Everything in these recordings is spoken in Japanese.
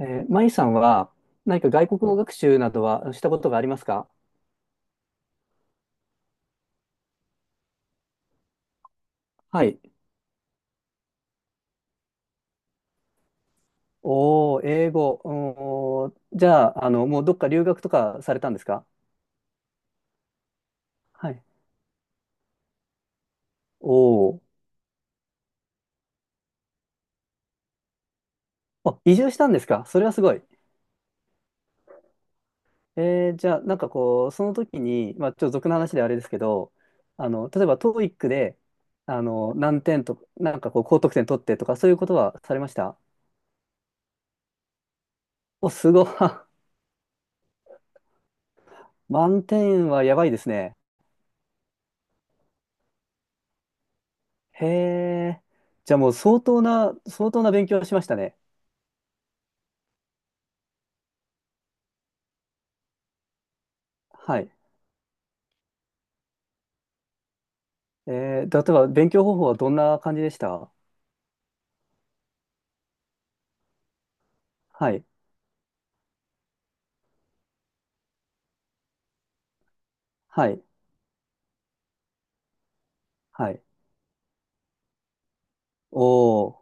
マイさんは何か外国語学習などはしたことがありますか？はい。おー、英語。おー、じゃあ、もうどっか留学とかされたんですか？はい。おー。あ、移住したんですか？それはすごい。じゃあ、なんかこう、その時に、まあ、ちょっと俗な話であれですけど、例えば TOEIC で、何点とか、なんかこう、高得点取ってとか、そういうことはされました？お、すごい。満点はやばいですね。へえ。じゃあもう相当な勉強をしましたね。はい。例えば勉強方法はどんな感じでした？はい。はい。はい。おー。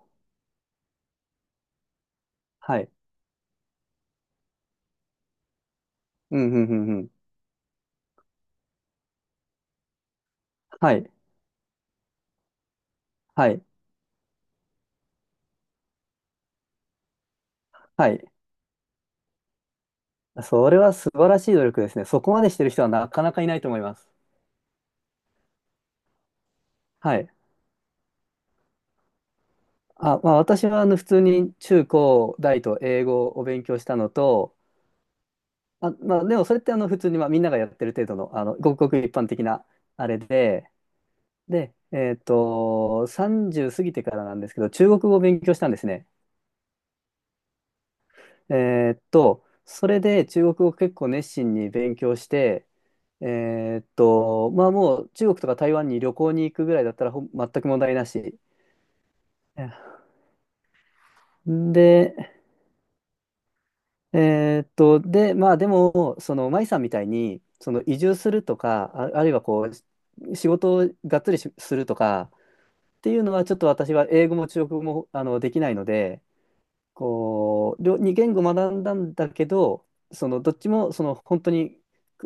はい。うん、うん、うん、うん。はい。はい。はい。それは素晴らしい努力ですね。そこまでしてる人はなかなかいないと思います。はい。あ、まあ私はあの普通に中高大と英語を勉強したのと、あ、まあでもそれってあの普通にまあみんながやってる程度の、あのごくごく一般的なあれで、で、30過ぎてからなんですけど、中国語を勉強したんですね。それで中国語を結構熱心に勉強して、まあもう中国とか台湾に旅行に行くぐらいだったらほん全く問題なし。で、で、まあでも、その、舞さんみたいに、その移住するとか、あ、あるいはこう、仕事をがっつりしするとかっていうのは、ちょっと私は英語も中国語もあのできないので、こう、両二言語学んだんだけど、そのどっちもその本当に、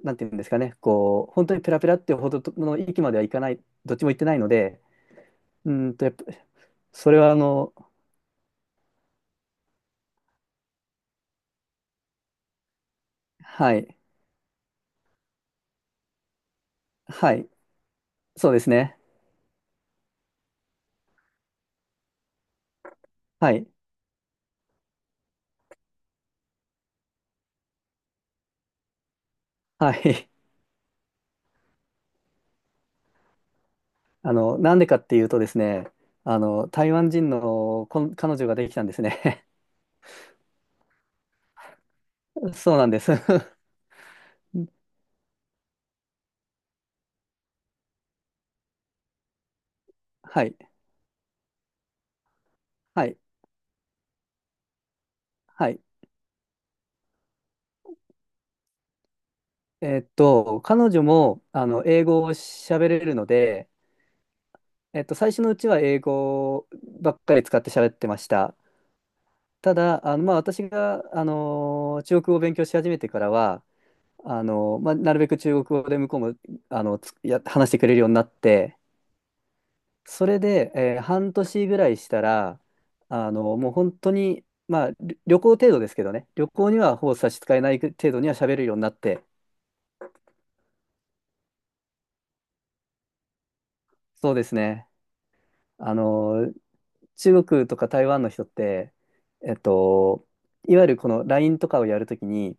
なんていうんですかね、こう、本当にペラペラっていうほどの域まではいかない、どっちも行ってないので、うーんと、やっぱ、それはあの、はい、はい、そうですね、はい、はい、なんでかっていうとですね、台湾人のこん彼女ができたんですね。そうなんです。はい、はい、はい。彼女も、英語を喋れるので、最初のうちは英語ばっかり使って喋ってました。ただ、まあ、私が、あの中国語を勉強し始めてからは、あのまあ、なるべく中国語で向こうも、あの、つや、話してくれるようになって、それで、えー半年ぐらいしたら、あのもう本当に、まあ、り旅行程度ですけどね、旅行にはほぼ差し支えない程度には喋るようになって、そうですね。あの中国とか台湾の人って、えっと、いわゆるこの LINE とかをやるときに、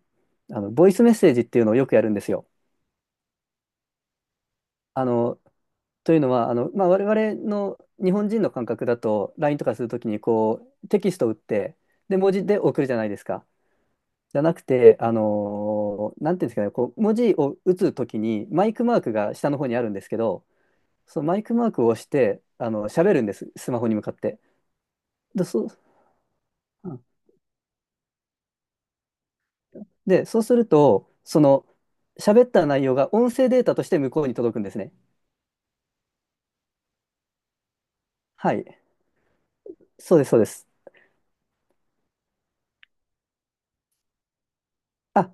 ボイスメッセージっていうのをよくやるんですよ。あの、というのは、まあ、我々の日本人の感覚だと、LINE とかするときに、こう、テキストを打って、で、文字で送るじゃないですか。じゃなくて、あのーなんていうんですかね、こう、文字を打つときに、マイクマークが下の方にあるんですけど、そのマイクマークを押して、喋るんです、スマホに向かって。で、そう、で、そうすると、その、喋った内容が音声データとして向こうに届くんですね。はい。そうです、そうです。あ、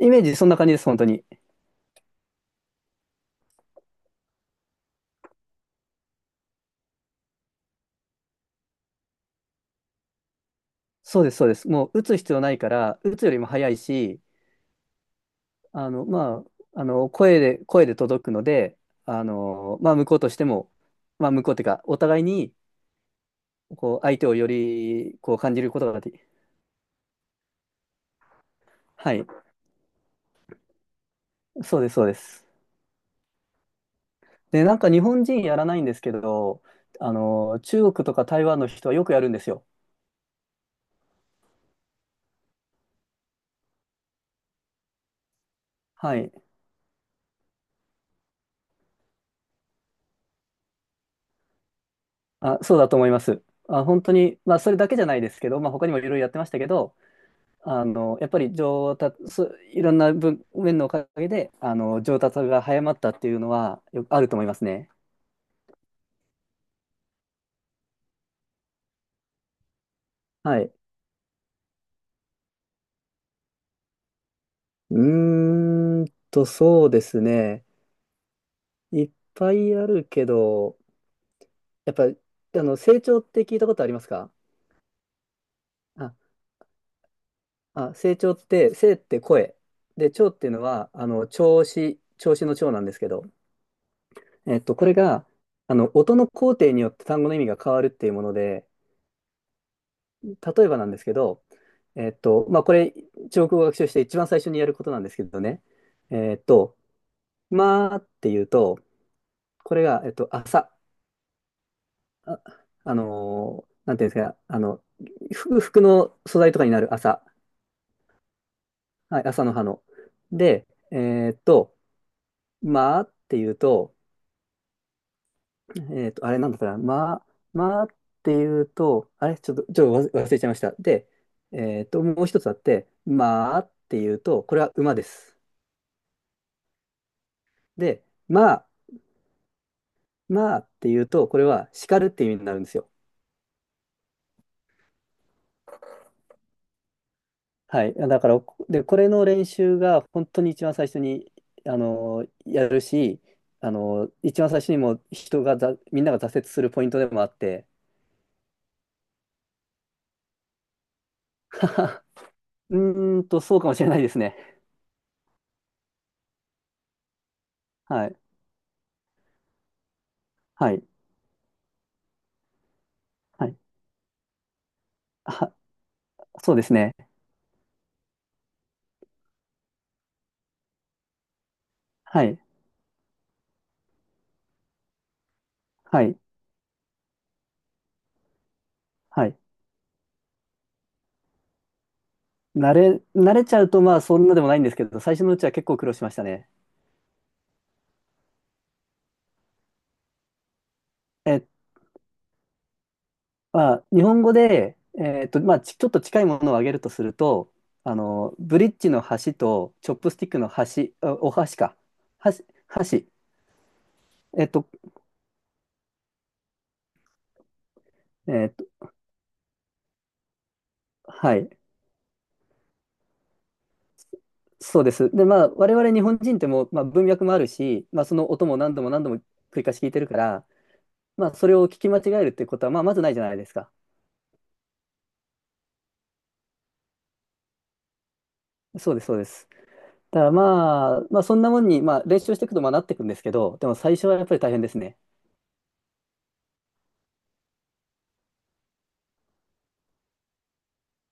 イメージそんな感じです、本当に。そうです、そうです。もう打つ必要ないから、打つよりも早いし、まあ、声で届くので、まあ、向こうとしても、まあ、向こうっていうか、お互いに、こう、相手をより、こう、感じることができ、はい。そうです、そうです。で、なんか日本人やらないんですけど、中国とか台湾の人はよくやるんですよ。はい。あ、そうだと思います。あ、本当に、まあ、それだけじゃないですけど、まあ、他にもいろいろやってましたけど、やっぱり上達、そいろんな分面のおかげで、上達が早まったっていうのは、よあると思いますね。はい。うーんと、そうですね。いっぱいあるけど、やっぱ、成長って聞いたことありますか？あ、あ、成長って、生って声。で、長っていうのは、調子の長なんですけど、これが、音の工程によって単語の意味が変わるっていうもので、例えばなんですけど、まあ、これ、中国語を学習して一番最初にやることなんですけどね、えっと、まあっていうと、これが、朝、あ、あのーなんていうんですか、あの、服の素材とかになる朝、はい、朝の葉の。で、まあっていうと、あれなんだったら、まあ、まあっていうと、あれちょっと、ちょっと忘れちゃいました。で、もう一つあって、まあっていうと、これは馬です。で、まあ、まあっていうと、これは叱るっていう意味になるんですよ。はい。だから、で、これの練習が本当に一番最初に、やるし、一番最初にもう人がざ、みんなが挫折するポイントでもあって、うーんと、そうかもしれないですね。はい。はい。はい。あ、そうですね。はい、はい、はい。慣れちゃうとまあそんなでもないんですけど、最初のうちは結構苦労しましたね。え、まあ、日本語で、まあ、ち、ちょっと近いものを挙げるとすると、ブリッジの橋と、チョップスティックの橋、あお箸か。箸、箸。えっと、えっと、はい。そうです。で、まあ、我々日本人ってもう、まあ、文脈もあるし、まあ、その音も何度も何度も繰り返し聞いてるから、まあ、それを聞き間違えるっていうことは、まあ、まずないじゃないですか。そうです、そうです。だからまあ、まあそんなもんに、まあ練習していくとまあなっていくんですけど、でも最初はやっぱり大変ですね。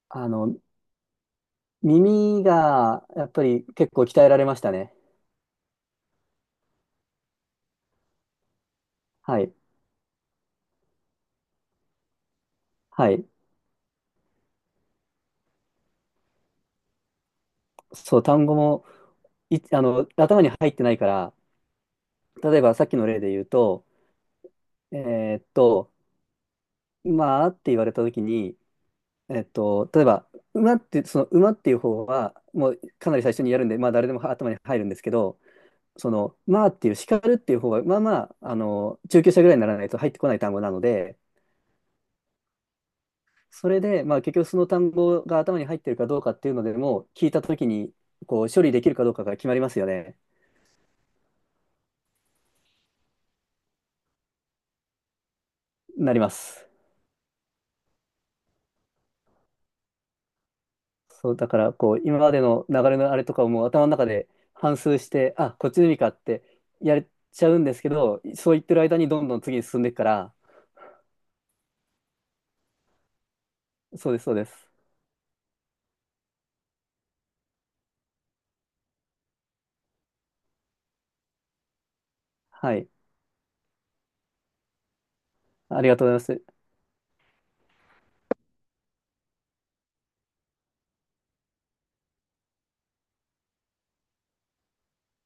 あの、耳がやっぱり結構鍛えられましたね。はい。はい。そう、単語もい、あの、頭に入ってないから、例えばさっきの例で言うと、えーっと、まあって言われた時に、例えば、馬って、その馬っていう方は、もうかなり最初にやるんで、まあ誰でも頭に入るんですけど、その、まあっていう、叱るっていう方が、まあまあ、中級者ぐらいにならないと入ってこない単語なので、それで、まあ結局その単語が頭に入ってるかどうかっていうのでも、聞いたときに、こう、処理できるかどうかが決まりますよね。なります。そう、だから、こう、今までの流れのあれとかをもう頭の中で反芻して、あ、こっちの意味かってやれちゃうんですけど、そう言ってる間にどんどん次に進んでいくから、そうです、そうです。はい。ありがとうございます。